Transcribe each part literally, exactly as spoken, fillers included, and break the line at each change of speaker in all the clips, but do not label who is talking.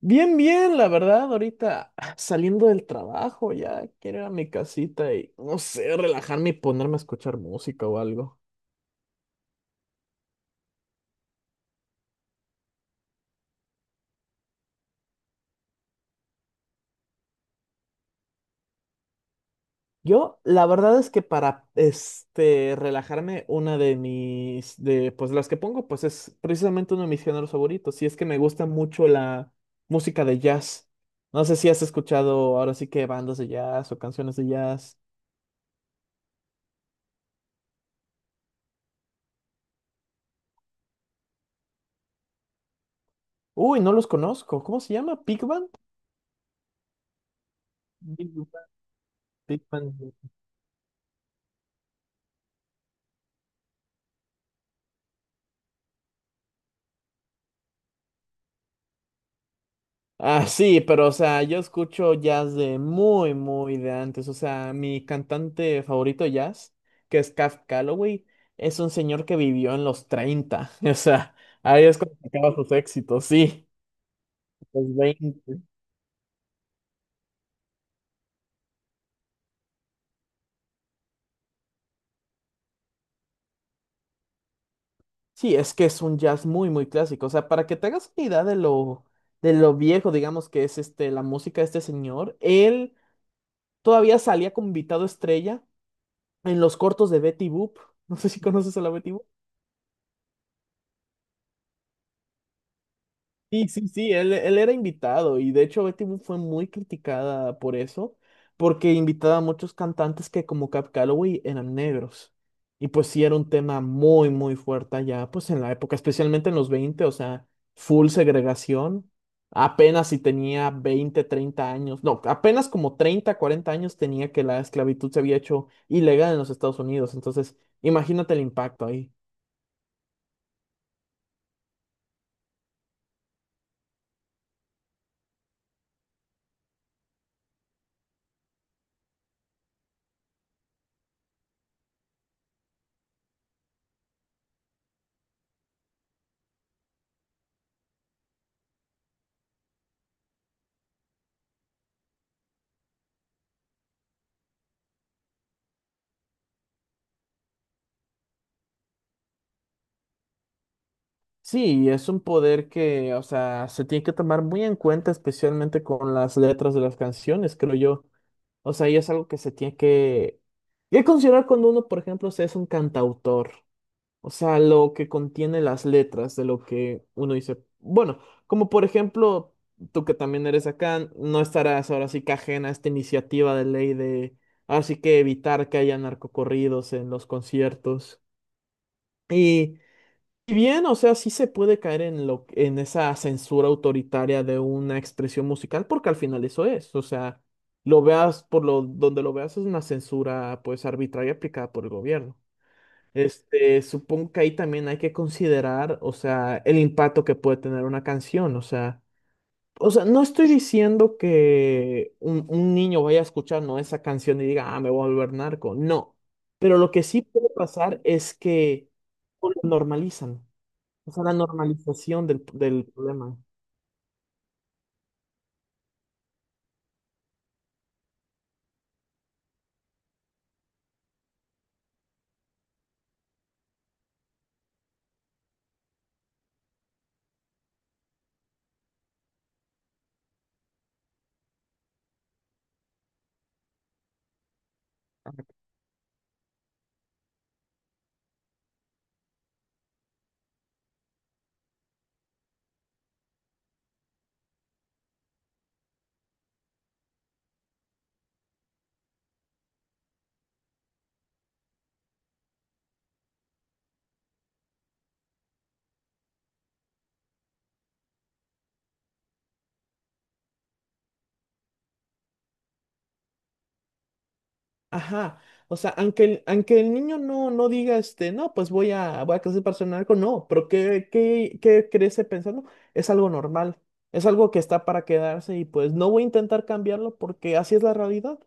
Bien, bien, la verdad, ahorita ah, saliendo del trabajo, ya quiero ir a mi casita y, no sé, relajarme y ponerme a escuchar música o algo. Yo, la verdad es que para, este, relajarme, una de mis, de, pues las que pongo, pues es precisamente uno de mis géneros favoritos, y es que me gusta mucho la música de jazz. No sé si has escuchado ahora sí que bandas de jazz o canciones de jazz. Uy, no los conozco. ¿Cómo se llama? ¿Pig Band? Big Band. Big Band. Ah, sí, pero o sea, yo escucho jazz de muy, muy de antes. O sea, mi cantante favorito de jazz, que es Caf Calloway, es un señor que vivió en los treinta, o sea, ahí es cuando sacaba sus éxitos, sí, los veinte. Sí, es que es un jazz muy, muy clásico. O sea, para que te hagas una idea de lo, de lo viejo, digamos, que es este, la música de este señor, él todavía salía como invitado estrella en los cortos de Betty Boop. No sé si conoces a la Betty. Sí, sí, sí, él, él era invitado y de hecho Betty Boop fue muy criticada por eso, porque invitaba a muchos cantantes que como Cap Calloway eran negros. Y pues sí era un tema muy, muy fuerte allá, pues en la época, especialmente en los veinte, o sea, full segregación. Apenas si tenía veinte treinta años, no, apenas como treinta cuarenta años tenía que la esclavitud se había hecho ilegal en los Estados Unidos. Entonces, imagínate el impacto ahí. Sí, es un poder que, o sea, se tiene que tomar muy en cuenta, especialmente con las letras de las canciones, creo yo. O sea, y es algo que se tiene que, que considerar cuando uno, por ejemplo, se es un cantautor. O sea, lo que contiene las letras de lo que uno dice. Bueno, como por ejemplo, tú que también eres acá, no estarás ahora sí que ajena a esta iniciativa de ley de, ahora sí que evitar que haya narcocorridos en los conciertos. Si bien, o sea, sí se puede caer en lo, en esa censura autoritaria de una expresión musical, porque al final eso es, o sea, lo veas por lo donde lo veas es una censura pues arbitraria aplicada por el gobierno. Este, supongo que ahí también hay que considerar, o sea, el impacto que puede tener una canción, o sea, o sea, no estoy diciendo que un, un niño vaya a escuchar, ¿no? esa canción y diga, ah, me voy a volver narco, no, pero lo que sí puede pasar es que no lo normalizan. O sea, la normalización del, del problema. Ajá, o sea, aunque el, aunque el niño no, no diga, este, no, pues voy a, voy a crecer para ser narco, no, pero ¿qué, qué, qué crece pensando? Es algo normal, es algo que está para quedarse y pues no voy a intentar cambiarlo porque así es la realidad.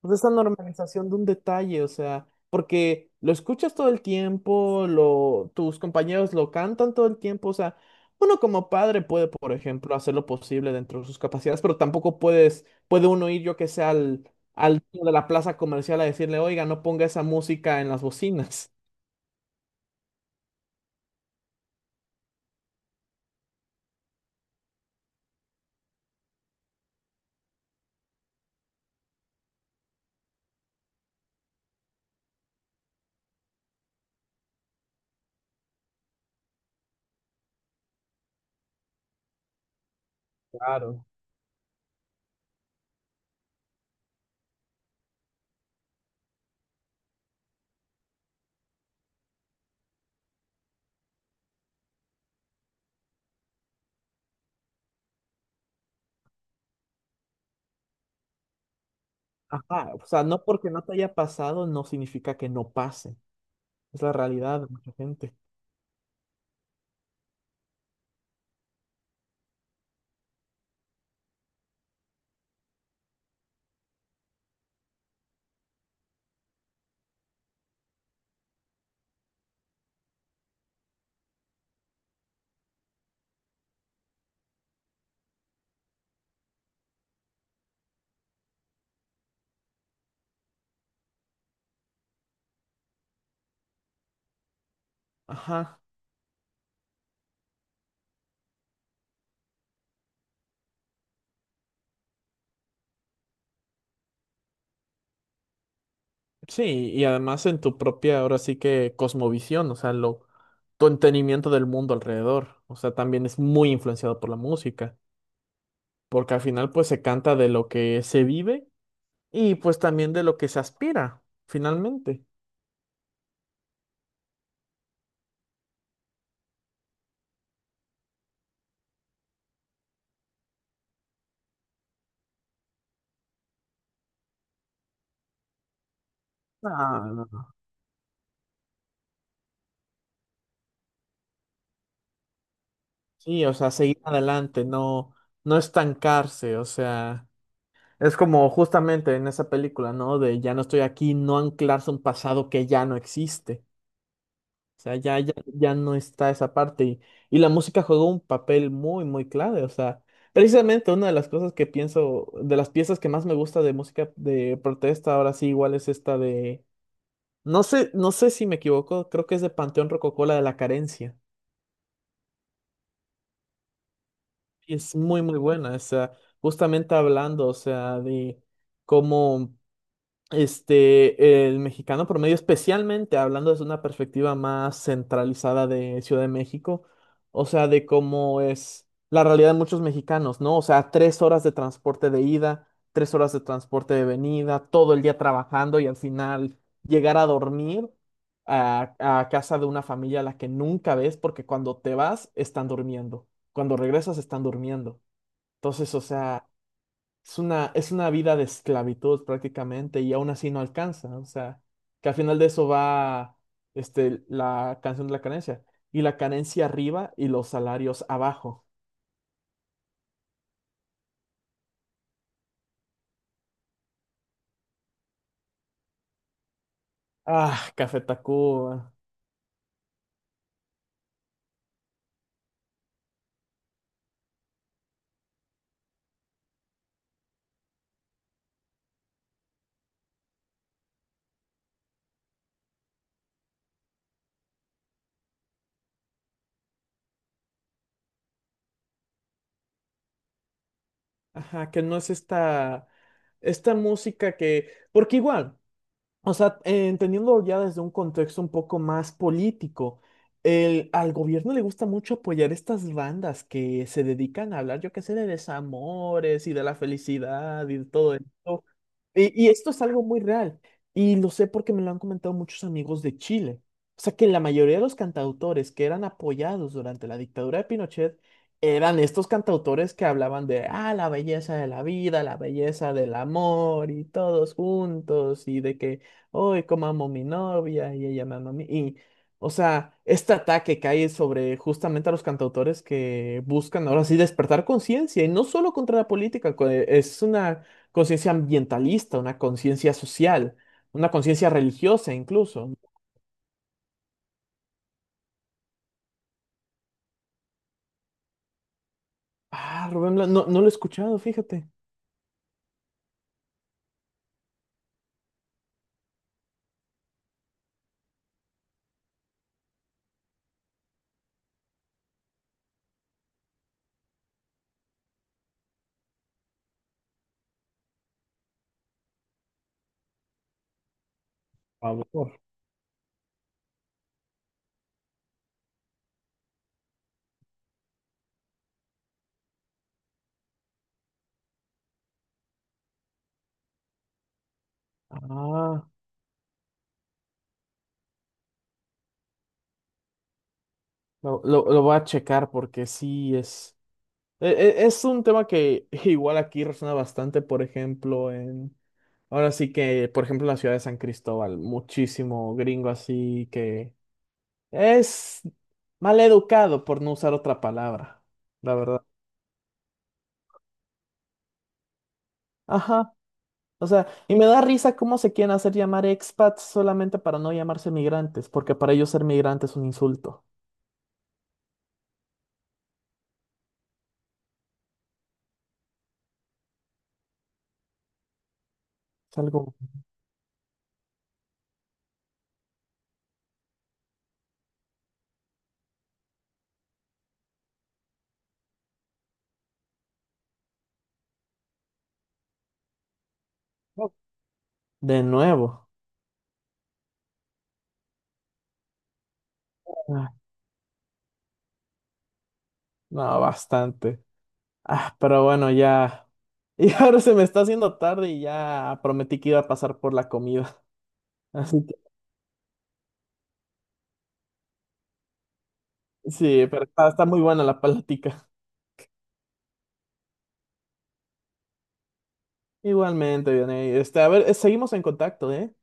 Pues esa normalización de un detalle, o sea, porque lo escuchas todo el tiempo, lo, tus compañeros lo cantan todo el tiempo, o sea, uno como padre puede, por ejemplo, hacer lo posible dentro de sus capacidades, pero tampoco puedes, puede uno ir, yo que sé, al, al dueño de la plaza comercial a decirle, oiga, no ponga esa música en las bocinas. Claro. Ajá, o sea, no porque no te haya pasado no significa que no pase. Es la realidad de mucha gente. Ajá. Sí, y además en tu propia, ahora sí que cosmovisión, o sea, lo, tu entendimiento del mundo alrededor, o sea, también es muy influenciado por la música, porque al final pues se canta de lo que se vive y pues también de lo que se aspira, finalmente. Ah, no, no. Sí, o sea, seguir adelante, no, no estancarse, o sea, es como justamente en esa película, ¿no? De ya no estoy aquí, no anclarse a un pasado que ya no existe. O sea, ya, ya, ya no está esa parte. Y, y la música juega un papel muy, muy clave. O sea, precisamente una de las cosas que pienso, de las piezas que más me gusta de música de protesta, ahora sí, igual es esta de. No sé, no sé si me equivoco, creo que es de Panteón Rococó, la de la carencia. Y es muy, muy buena. O sea, justamente hablando, o sea, de cómo. Este, el mexicano promedio, especialmente hablando desde una perspectiva más centralizada de Ciudad de México, o sea, de cómo es la realidad de muchos mexicanos, ¿no? O sea, tres horas de transporte de ida, tres horas de transporte de venida, todo el día trabajando y al final llegar a dormir a, a casa de una familia a la que nunca ves porque cuando te vas están durmiendo, cuando regresas están durmiendo. Entonces, o sea... Es una, es una vida de esclavitud prácticamente y aún así no alcanza. O sea, que al final de eso va este, la canción de la carencia. Y la carencia arriba y los salarios abajo. Ah, Café Tacuba. Ajá, que no es esta, esta, música que... Porque igual... O sea, eh, entendiendo ya desde un contexto un poco más político, el, al gobierno le gusta mucho apoyar estas bandas que se dedican a hablar, yo qué sé, de desamores y de la felicidad y de todo esto. Y, y esto es algo muy real. Y lo sé porque me lo han comentado muchos amigos de Chile. O sea que la mayoría de los cantautores que eran apoyados durante la dictadura de Pinochet eran estos cantautores que hablaban de, ah, la belleza de la vida, la belleza del amor y todos juntos y de que, hoy como amo a mi novia y ella me ama a mí. Y, o sea, este ataque cae sobre justamente a los cantautores que buscan ahora sí despertar conciencia y no solo contra la política, co- eh, es una conciencia ambientalista, una conciencia social, una conciencia religiosa incluso. Ah, Rubén Blas, no, no lo he escuchado, fíjate. Por favor. Ah, lo, lo- lo voy a checar porque sí es, e- e- es un tema que igual aquí resuena bastante, por ejemplo, en, ahora sí que, por ejemplo, en la ciudad de San Cristóbal, muchísimo gringo así que es mal educado por no usar otra palabra, la verdad. Ajá. O sea, y me da risa cómo se quieren hacer llamar expats solamente para no llamarse migrantes, porque para ellos ser migrante es un insulto. Es algo de nuevo. Ah, no, bastante. Ah, pero bueno, ya. Y ahora se me está haciendo tarde y ya prometí que iba a pasar por la comida. Así que sí, pero está, está muy buena la plática. Igualmente, Vianey. Este, a ver, eh, seguimos en contacto, ¿eh?